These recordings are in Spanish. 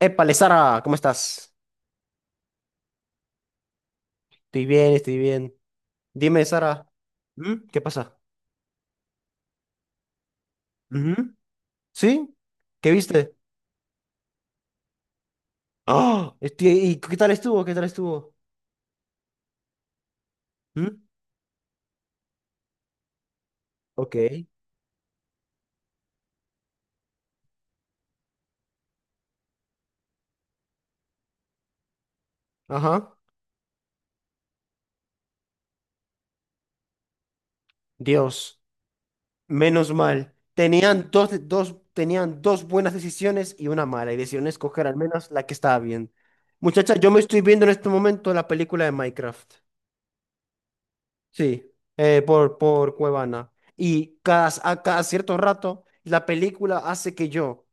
Épale, Sara, ¿cómo estás? Estoy bien, estoy bien. Dime, Sara. ¿Mm? ¿Qué pasa? Ujú. ¿Sí? ¿Qué viste? ¡Ah! Estoy, ¿y qué tal estuvo? ¿Qué tal estuvo? ¿Mm? Ok. Ajá. Dios, menos mal. Tenían dos, tenían dos buenas decisiones y una mala, y decidieron escoger al menos la que estaba bien. Muchacha, yo me estoy viendo en este momento la película de Minecraft. Sí, por Cuevana. Y cada, a cada cierto rato, la película hace que yo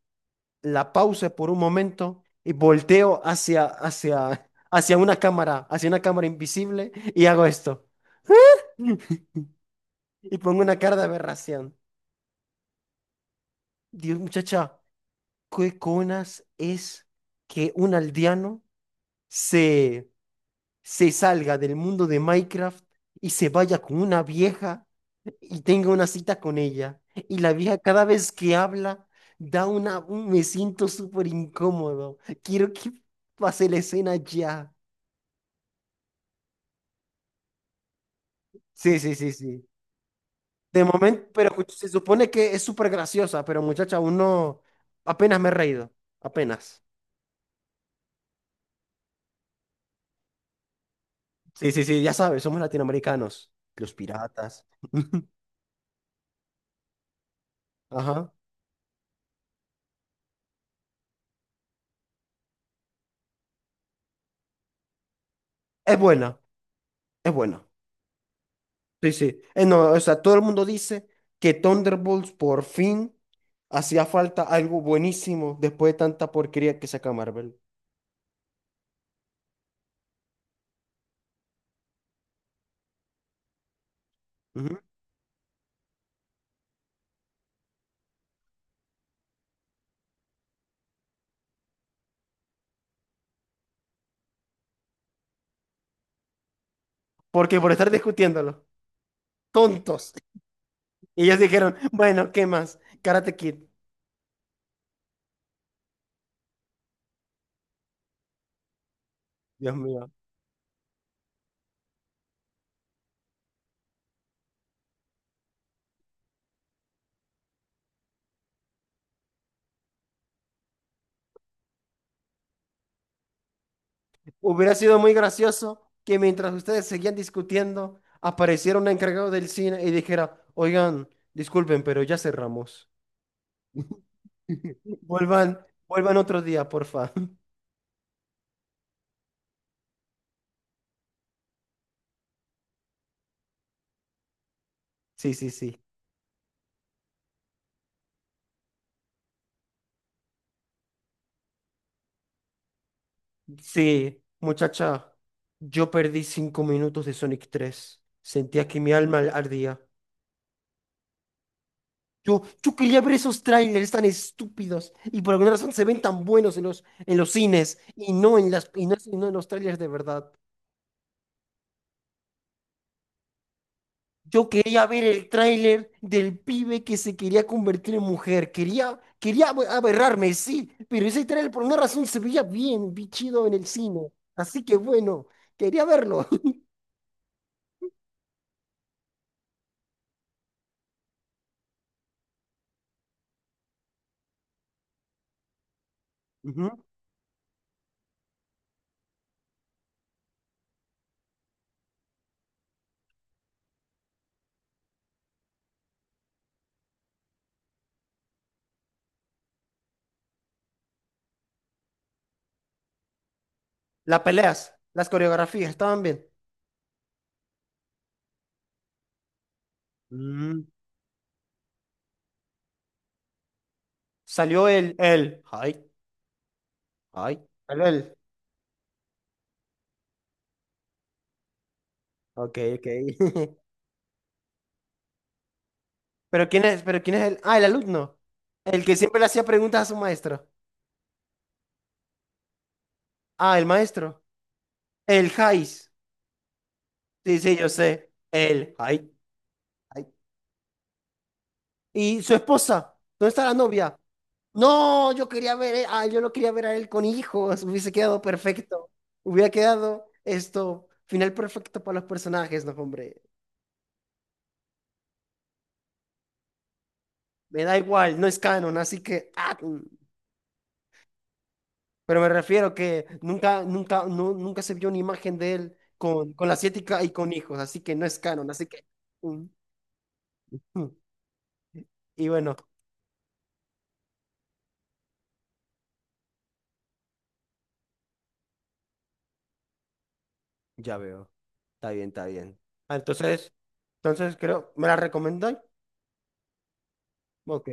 la pausa por un momento y volteo hacia, hacia una cámara invisible y hago esto. Y pongo una cara de aberración. Dios, muchacha, ¿qué conas es que un aldeano se, se salga del mundo de Minecraft y se vaya con una vieja y tenga una cita con ella? Y la vieja cada vez que habla da una... un- Me siento súper incómodo. Quiero que pase la escena ya. Sí, sí, sí, sí. De momento, pero escuch- se supone que es súper graciosa, pero muchacha, aún no, apenas me he reído, apenas. Sí, sí, sí, ya sabes, somos latinoamericanos, los piratas. Ajá. Es buena, es buena. Sí, sí. No, o sea, todo el mundo dice que Thunderbolts por fin hacía falta algo buenísimo después de tanta porquería que saca Marvel. Ujú. Porque por estar discutiéndolo, tontos. Y ellos dijeron, bueno, ¿qué más? Karate Kid. Dios mío. Hubiera sido muy gracioso que mientras ustedes seguían discutiendo, apareciera un encargado del cine y dijera, oigan, disculpen, pero ya cerramos. Vuelvan, vuelvan otro día, porfa. Sí, sí, sí. Sí, muchacha, yo perdí 5 minutos de Sonic 3. Sentía que mi alma ardía. Yo quería ver esos trailers tan estúpidos y por alguna razón se ven tan buenos en los cines y no en las, y no en los trailers de verdad. Yo quería ver el tráiler del pibe que se quería convertir en mujer. Quería, quería abe- aberrarme, sí, pero ese tráiler por una razón se veía bien, bien chido en el cine. Así que bueno, quería verlo. Ujú. Las peleas, las coreografías, estaban bien. Mm. Salió ay, ay, salió el, ok, ok. Pero quién es el, ah, el alumno, el que siempre le hacía preguntas a su maestro. Ah, el maestro, el Jais. Sí, sí, yo sé, el, ay. ¿Y su esposa? ¿Dónde está la novia? No, yo quería ver, ah, yo lo quería ver a él con hijos, hubiese quedado perfecto. Hubiera quedado esto, final perfecto para los personajes, no, hombre. Me da igual, no es canon, así que, ah, mm. Pero me refiero que nunca, nunca se vio una imagen de él con la asiática y con hijos, así que no es canon, así que, mm, mm. Y bueno, ya veo. Está bien, está bien. Ah, entonces, entonces creo, ¿me la recomendáis? Ok.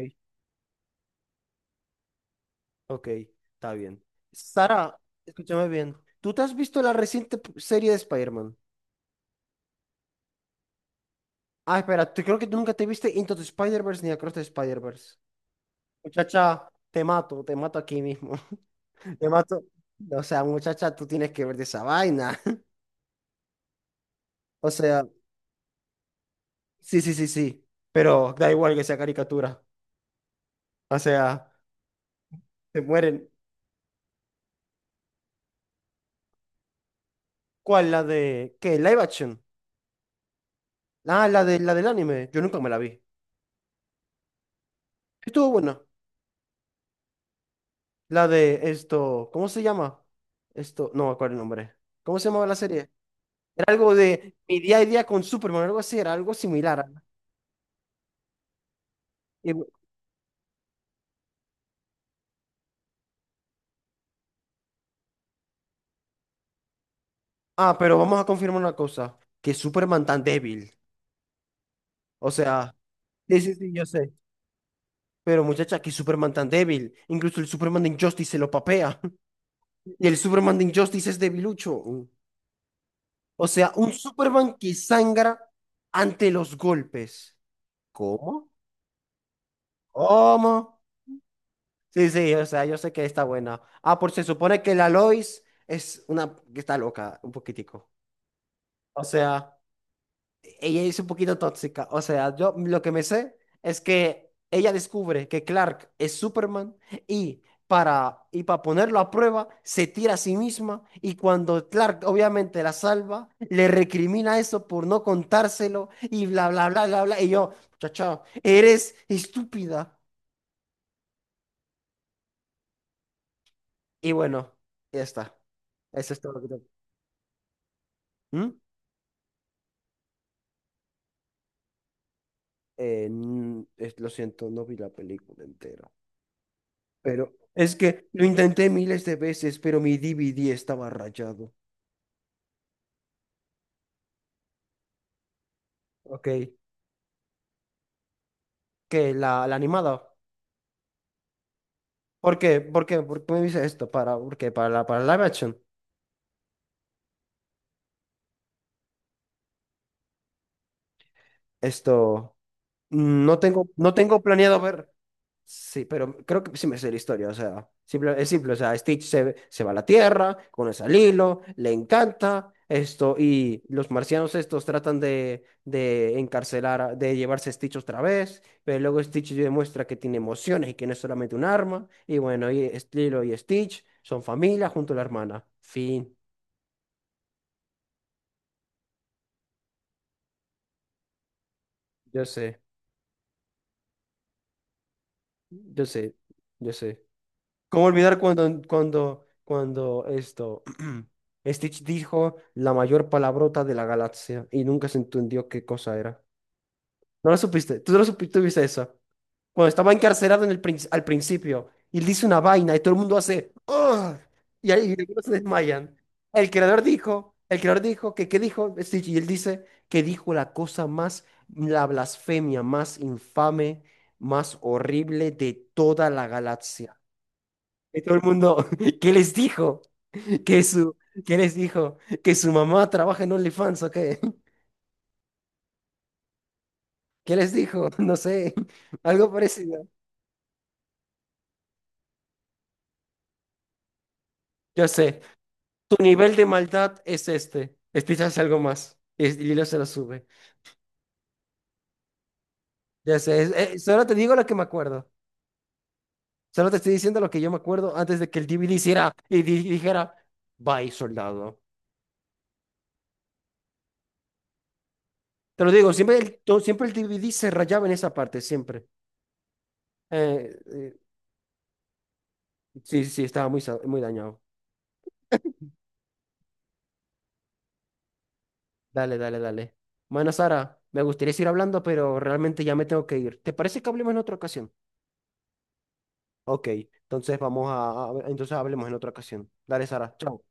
Ok, está bien. Sara, escúchame bien. ¿Tú te has visto la reciente p- serie de Spider-Man? Ah, espera, tú- creo que tú nunca te viste Into the Spider-Verse ni Across the Spider-Verse. Muchacha, te mato aquí mismo. Te mato. O sea, muchacha, tú tienes que ver de esa vaina. O sea, sí, sí, sí, sí. Pero da igual que sea caricatura. O sea, se mueren. ¿Cuál? ¿La de qué? ¿Live action? Ah, la de la del anime. Yo nunca me la vi. Estuvo buena. La de esto, ¿cómo se llama? Esto, no me acuerdo el nombre. ¿Cómo se llamaba la serie? Era algo de mi día a día con Superman, algo así, era algo similar. Y- ah, pero vamos a confirmar una cosa, que Superman tan débil. O sea, sí, sí, sí, yo sé. Pero muchacha, que Superman tan débil. Incluso el Superman de Injustice se lo papea. Y el Superman de Injustice es debilucho. O sea, un Superman que sangra ante los golpes. ¿Cómo? ¿Cómo? Sí, sí, o sea, yo sé que está buena. Ah, por se supone que la Lois es una que está loca, un poquitico. O sea, ella es un poquito tóxica. O sea, yo lo que me sé es que ella descubre que Clark es Superman y y para ponerlo a prueba se tira a sí misma y cuando Clark obviamente la salva, le recrimina eso por no contárselo y bla, bla, bla, bla, bla. Y yo, chao, chao, eres estúpida. Y bueno, ya está. Eso es todo lo que tengo. ¿Mm? N- es- lo siento, no vi la película entera. Pero es que lo intenté miles de veces, pero mi DVD estaba rayado. Ok, que la animada. ¿Por qué? ¿Por qué? ¿Por qué me dice esto? ¿Para, porque ¿Para la, para live action? Esto, mm, no tengo, no tengo planeado ver. Sí, pero creo que sí me sé la historia, o sea, simple- es simple, o sea, Stitch se va a la Tierra, conoce al hilo, le encanta esto, y los marcianos estos tratan de encarcelar, a- de llevarse a Stitch otra vez, pero luego Stitch demuestra que tiene emociones y que no es solamente un arma, y bueno, y es- Lilo y Stitch son familia junto a la hermana. Fin. Yo sé, yo sé, yo sé. ¿Cómo olvidar cuando, esto, Stitch dijo la mayor palabrota de la galaxia y nunca se entendió qué cosa era? ¿No lo supiste? ¿Tú no lo supiste, tuviste eso? Cuando estaba encarcelado en el prin- al principio y él dice una vaina y todo el mundo hace "Ugh", y ahí y algunos se desmayan. El creador dijo que qué dijo Stitch y él dice que dijo la cosa más, la blasfemia más infame, más horrible de toda la galaxia. Y todo el mundo, ¿qué les dijo? ¿Qué su, qué les dijo? ¿Que su mamá trabaja en OnlyFans o qué? ¿Qué les dijo? No sé, algo parecido. Yo sé, tu nivel de maldad es este. Escuchas algo más. Y es- y Lilo se lo sube. Ya sé, es- solo te digo lo que me acuerdo. Solo te estoy diciendo lo que yo me acuerdo antes de que el DVD hiciera y di- dijera, bye, soldado. Te lo digo, siempre el, to- siempre el DVD se rayaba en esa parte, siempre. Eh, eh, sí, sí, estaba muy, sa- muy dañado. Dale, dale, dale. Bueno, Sara, me gustaría seguir hablando, pero realmente ya me tengo que ir. ¿Te parece que hablemos en otra ocasión? Ok, entonces vamos a- entonces hablemos en otra ocasión. Dale, Sara, chao.